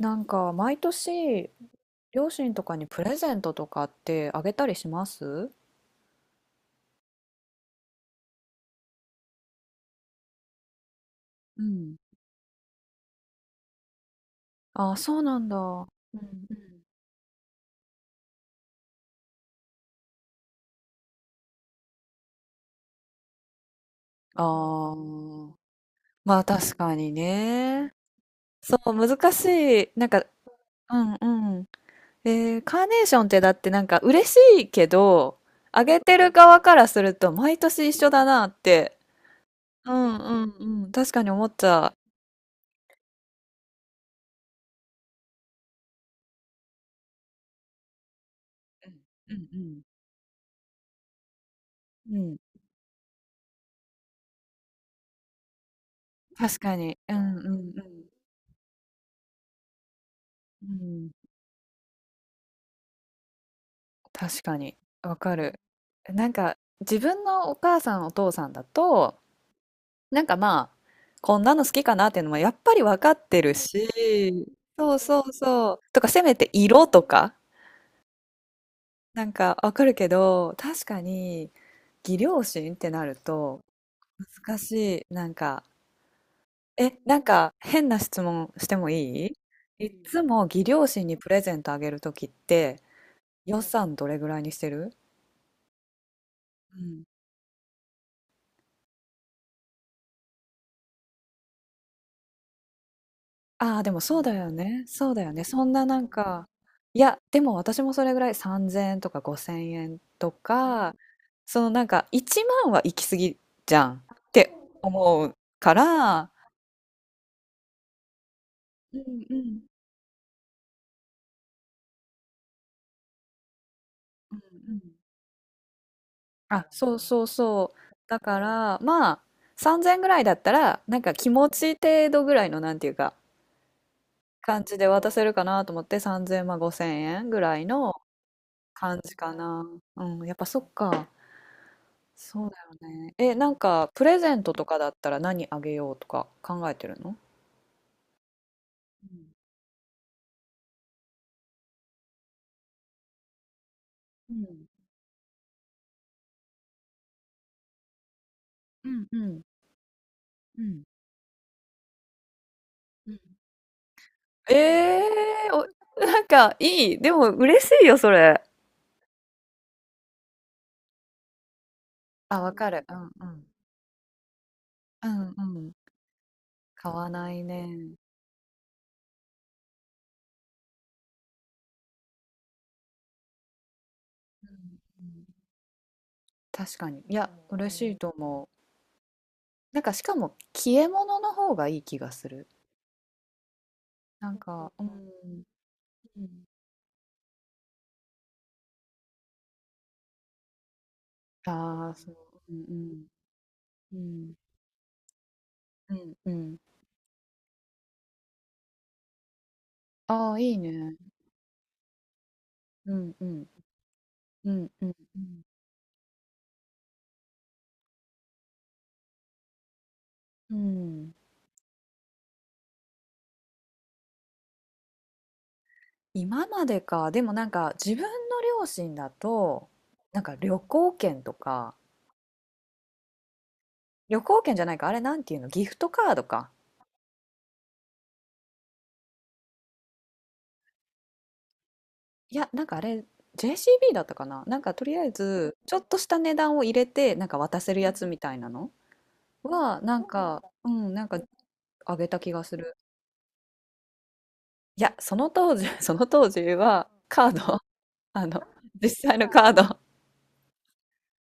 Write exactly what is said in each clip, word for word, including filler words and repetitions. なんか毎年両親とかにプレゼントとかってあげたりします？うん。ああ、そうなんだ。うん。うん。ああ、まあ確かにね。そう、難しい。なんか、うんうん。えーカーネーションってだってなんか嬉しいけど、あげてる側からすると毎年一緒だなって、うんうんうん、確かに思っちゃう。うんうんうん。うん、確かに。うんうんうん。うん、確かに、わかる。なんか、自分のお母さん、お父さんだと、なんかまあ、こんなの好きかなっていうのもやっぱりわかってるし、そうそうそう。とか、せめて色とか、なんかわかるけど、確かに、義両親ってなると、難しい。なんか、え、なんか、変な質問してもいい？いっつも義両親にプレゼントあげるときって、予算どれぐらいにしてる？ああ、でもそうだよね。そうだよね。そんななんか、いや、でも私もそれぐらいさんぜんえんとかごせんえんとか、そのなんかいちまんは行き過ぎじゃんって思うから、うんうんうんうん、あ、そうそうそう。だから、まあ、さんぜんぐらいだったら、なんか気持ち程度ぐらいの、なんていうか、感じで渡せるかなと思って、さんぜん、まあごせんえんぐらいの感じかな。うん、やっぱそっか。そうだよね。え、なんか、プレゼントとかだったら何あげようとか考えてるの？うん。うん。うん。うん。うん。ええー、お、なんか、いい。でも、嬉しいよ、それ。あ、わかる。うんうん。うんうん。買わないね。うんうん、確かに。いや、嬉しいと思う。なんか、しかも、消え物の方がいい気がする。なんか、うん。うん。ああ、そう。うんうんうん。うんうん。ああ、いいね。うんうんうんうんうんうん。今までか、でもなんか自分の両親だとなんか旅行券とか、旅行券じゃないか、あれ、なんていうの、ギフトカードか。いやなんかあれ、 ジェーシービー だったかな、なんかとりあえずちょっとした値段を入れてなんか渡せるやつみたいなのは、なんか、うん、なんかあげた気がする。いや、その当時 その当時はカード、あの実際のカード、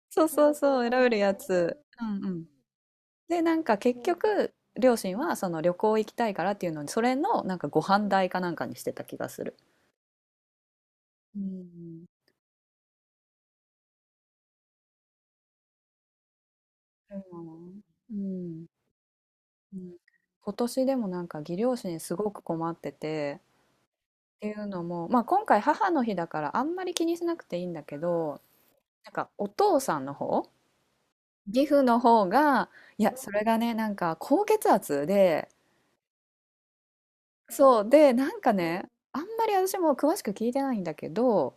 そうそうそう、選べるやつ。うんうん。で、なんか結局、両親はその旅行行きたいからっていうのに、それのなんかご飯代かなんかにしてた気がする。うんうんうんうん。今年でもなんか義両親すごく困ってて、っていうのも、まあ、今回母の日だからあんまり気にしなくていいんだけど、なんかお父さんの方、義父の方が、いや、それがね、なんか高血圧で、そうで、なんかね、あんまり私も詳しく聞いてないんだけど、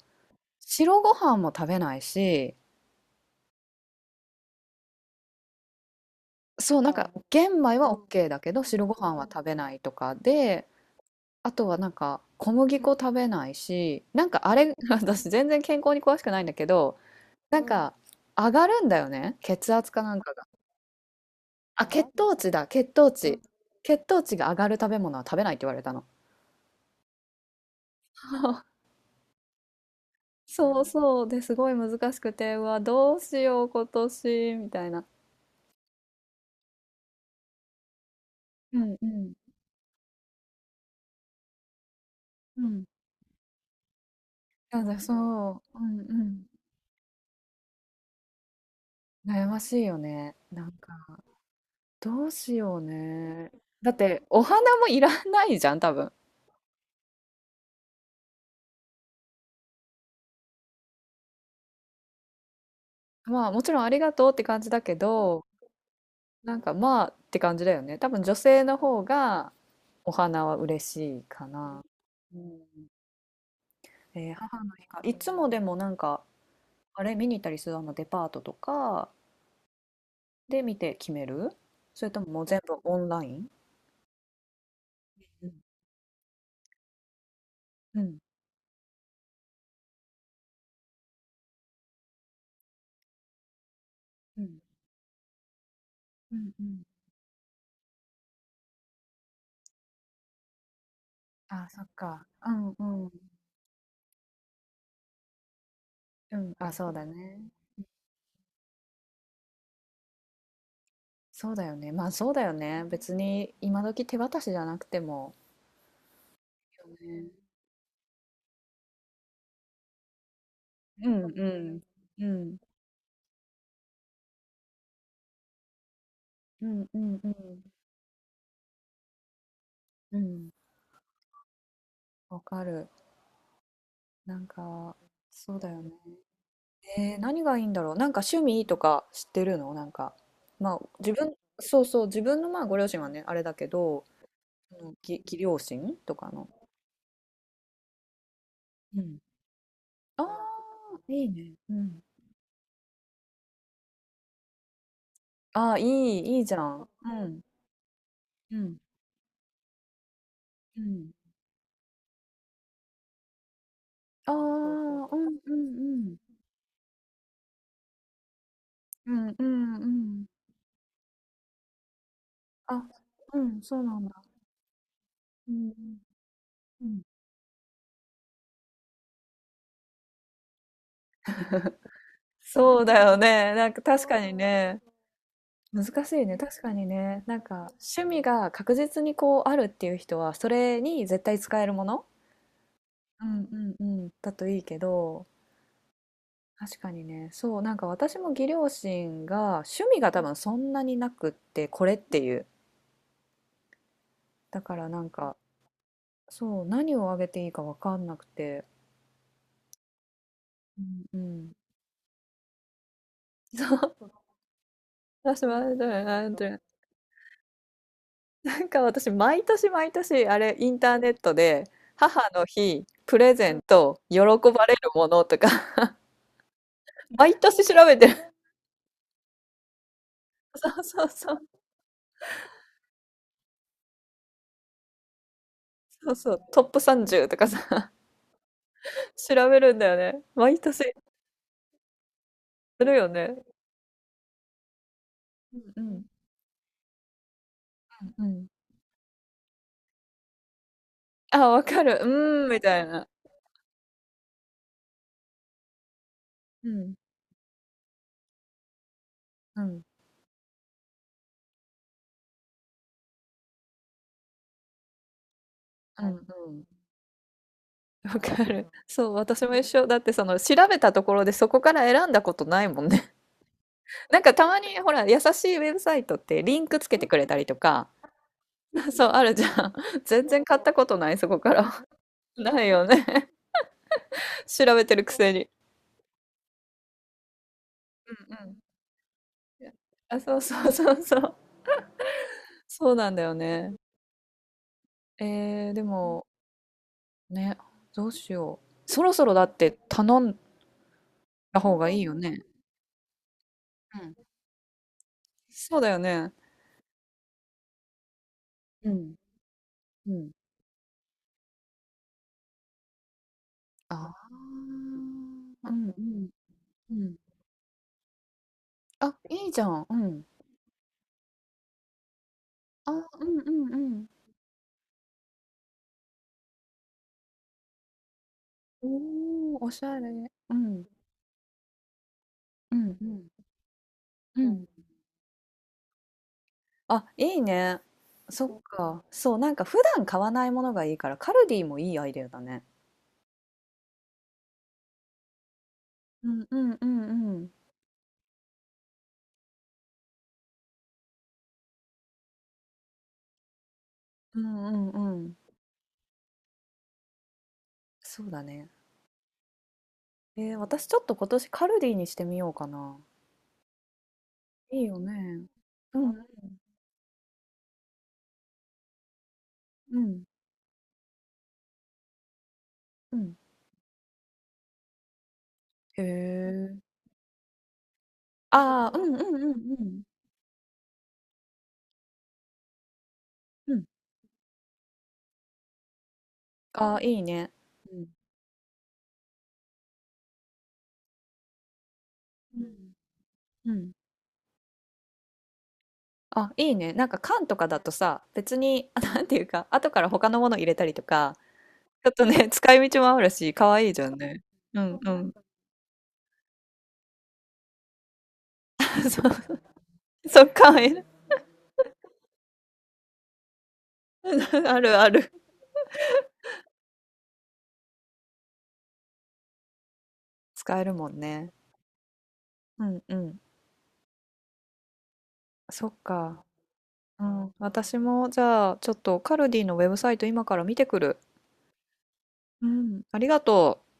白ご飯も食べないし、そう、なんか玄米は OK だけど白ご飯は食べないとかで、あとはなんか小麦粉食べないし、なんかあれ 私全然健康に詳しくないんだけど、なんか上がるんだよね、血圧かなんかが。あ、血糖値だ、血糖値。血糖値が上がる食べ物は食べないって言われたの。そうそうですごい難しくて、うわ、どうしよう今年みたいな。うんうんうん。なんだ、そう、うんうん。悩ましいよね。なんか。どうしようね。だって、お花もいらないじゃん、多分。まあ、もちろんありがとうって感じだけど、なんかまあって感じだよね。多分女性の方がお花は嬉しいかな。うん。えー母の日か。いつもでもなんか、あれ見に行ったりするあのデパートとかで見て決める？それとももう全部オンライン？うん。うん。うんうん。うん、あ、そっか。うんうん。うん。あ、そうだね。そうだよね。まあ、そうだよね。別に今時手渡しじゃなくても。ね、うんうんうんうんうんうんうん、わかる、なんか、そうだよね。えー何がいいんだろう、なんか趣味とか知ってるの、なんかまあ自分、そうそう、自分のまあご両親はねあれだけど、その義義両親とかの。うん。ああ、ーいいねうん。ああ、ーいいいいじゃんうん。うんうん、ああ、うんうんうんうんうんうんうん。あ、うん、そうなんだ。うん、うん。そうだよね。なんか確かにね。難しいね。確かにね。なんか趣味が確実にこうあるっていう人は、それに絶対使えるもの、うんうんうん、だといいけど、確かにね。そう、なんか私も義両親が趣味が多分そんなになくって、これっていう。だからなんか、そう、何をあげていいかわかんなくて。うんうん。そう、私もあれだよね。なんか私、毎年毎年、あれ、インターネットで、母の日、プレゼント、喜ばれるものとか、毎年調べてる。そうそうそう、そうそう、トップさんじゅうとかさ、調べるんだよね。毎年、するよね。うんうん。うん。あ、わかる。うーん、みたいな。うん。うん。うんうん。わかる。そう、私も一緒。だってその、調べたところでそこから選んだことないもんね。なんかたまに、ほら、優しいウェブサイトってリンクつけてくれたりとか、そう、あるじゃん。全然買ったことない、そこから。ないよね。調べてるくせに。うんうん。あ、そうそうそうそう。そうなんだよね。えー、でも、ね、どうしよう。そろそろだって頼んだ方がいいよね。うん。そうだよね。うん。うん。ああ。うんうんうん。あ、いいじゃん。うん。あ、うんうんうん。おお、おしゃれ。うん。うんうん。うん。あ、いいね。そっか。そう、なんか普段買わないものがいいから、カルディもいいアイデアだね。うんうんうんうん。うんうんうん。そうだね。えー、私ちょっと今年カルディにしてみようかな。いいよね。うんうんうん。へえ。ああ、うんうんうんうんうん。ああ、いいね。うんうんうん。あ、いいね。なんか缶とかだとさ、別に、あ、なんていうか、後から他のもの入れたりとか、ちょっとね、使い道もあるし、可愛いじゃんね。うんうん。そう、そっか、え あるある。使えるもんね。うんうん。そっか。うん。私も、じゃあ、ちょっとカルディのウェブサイト今から見てくる。うん。ありがとう。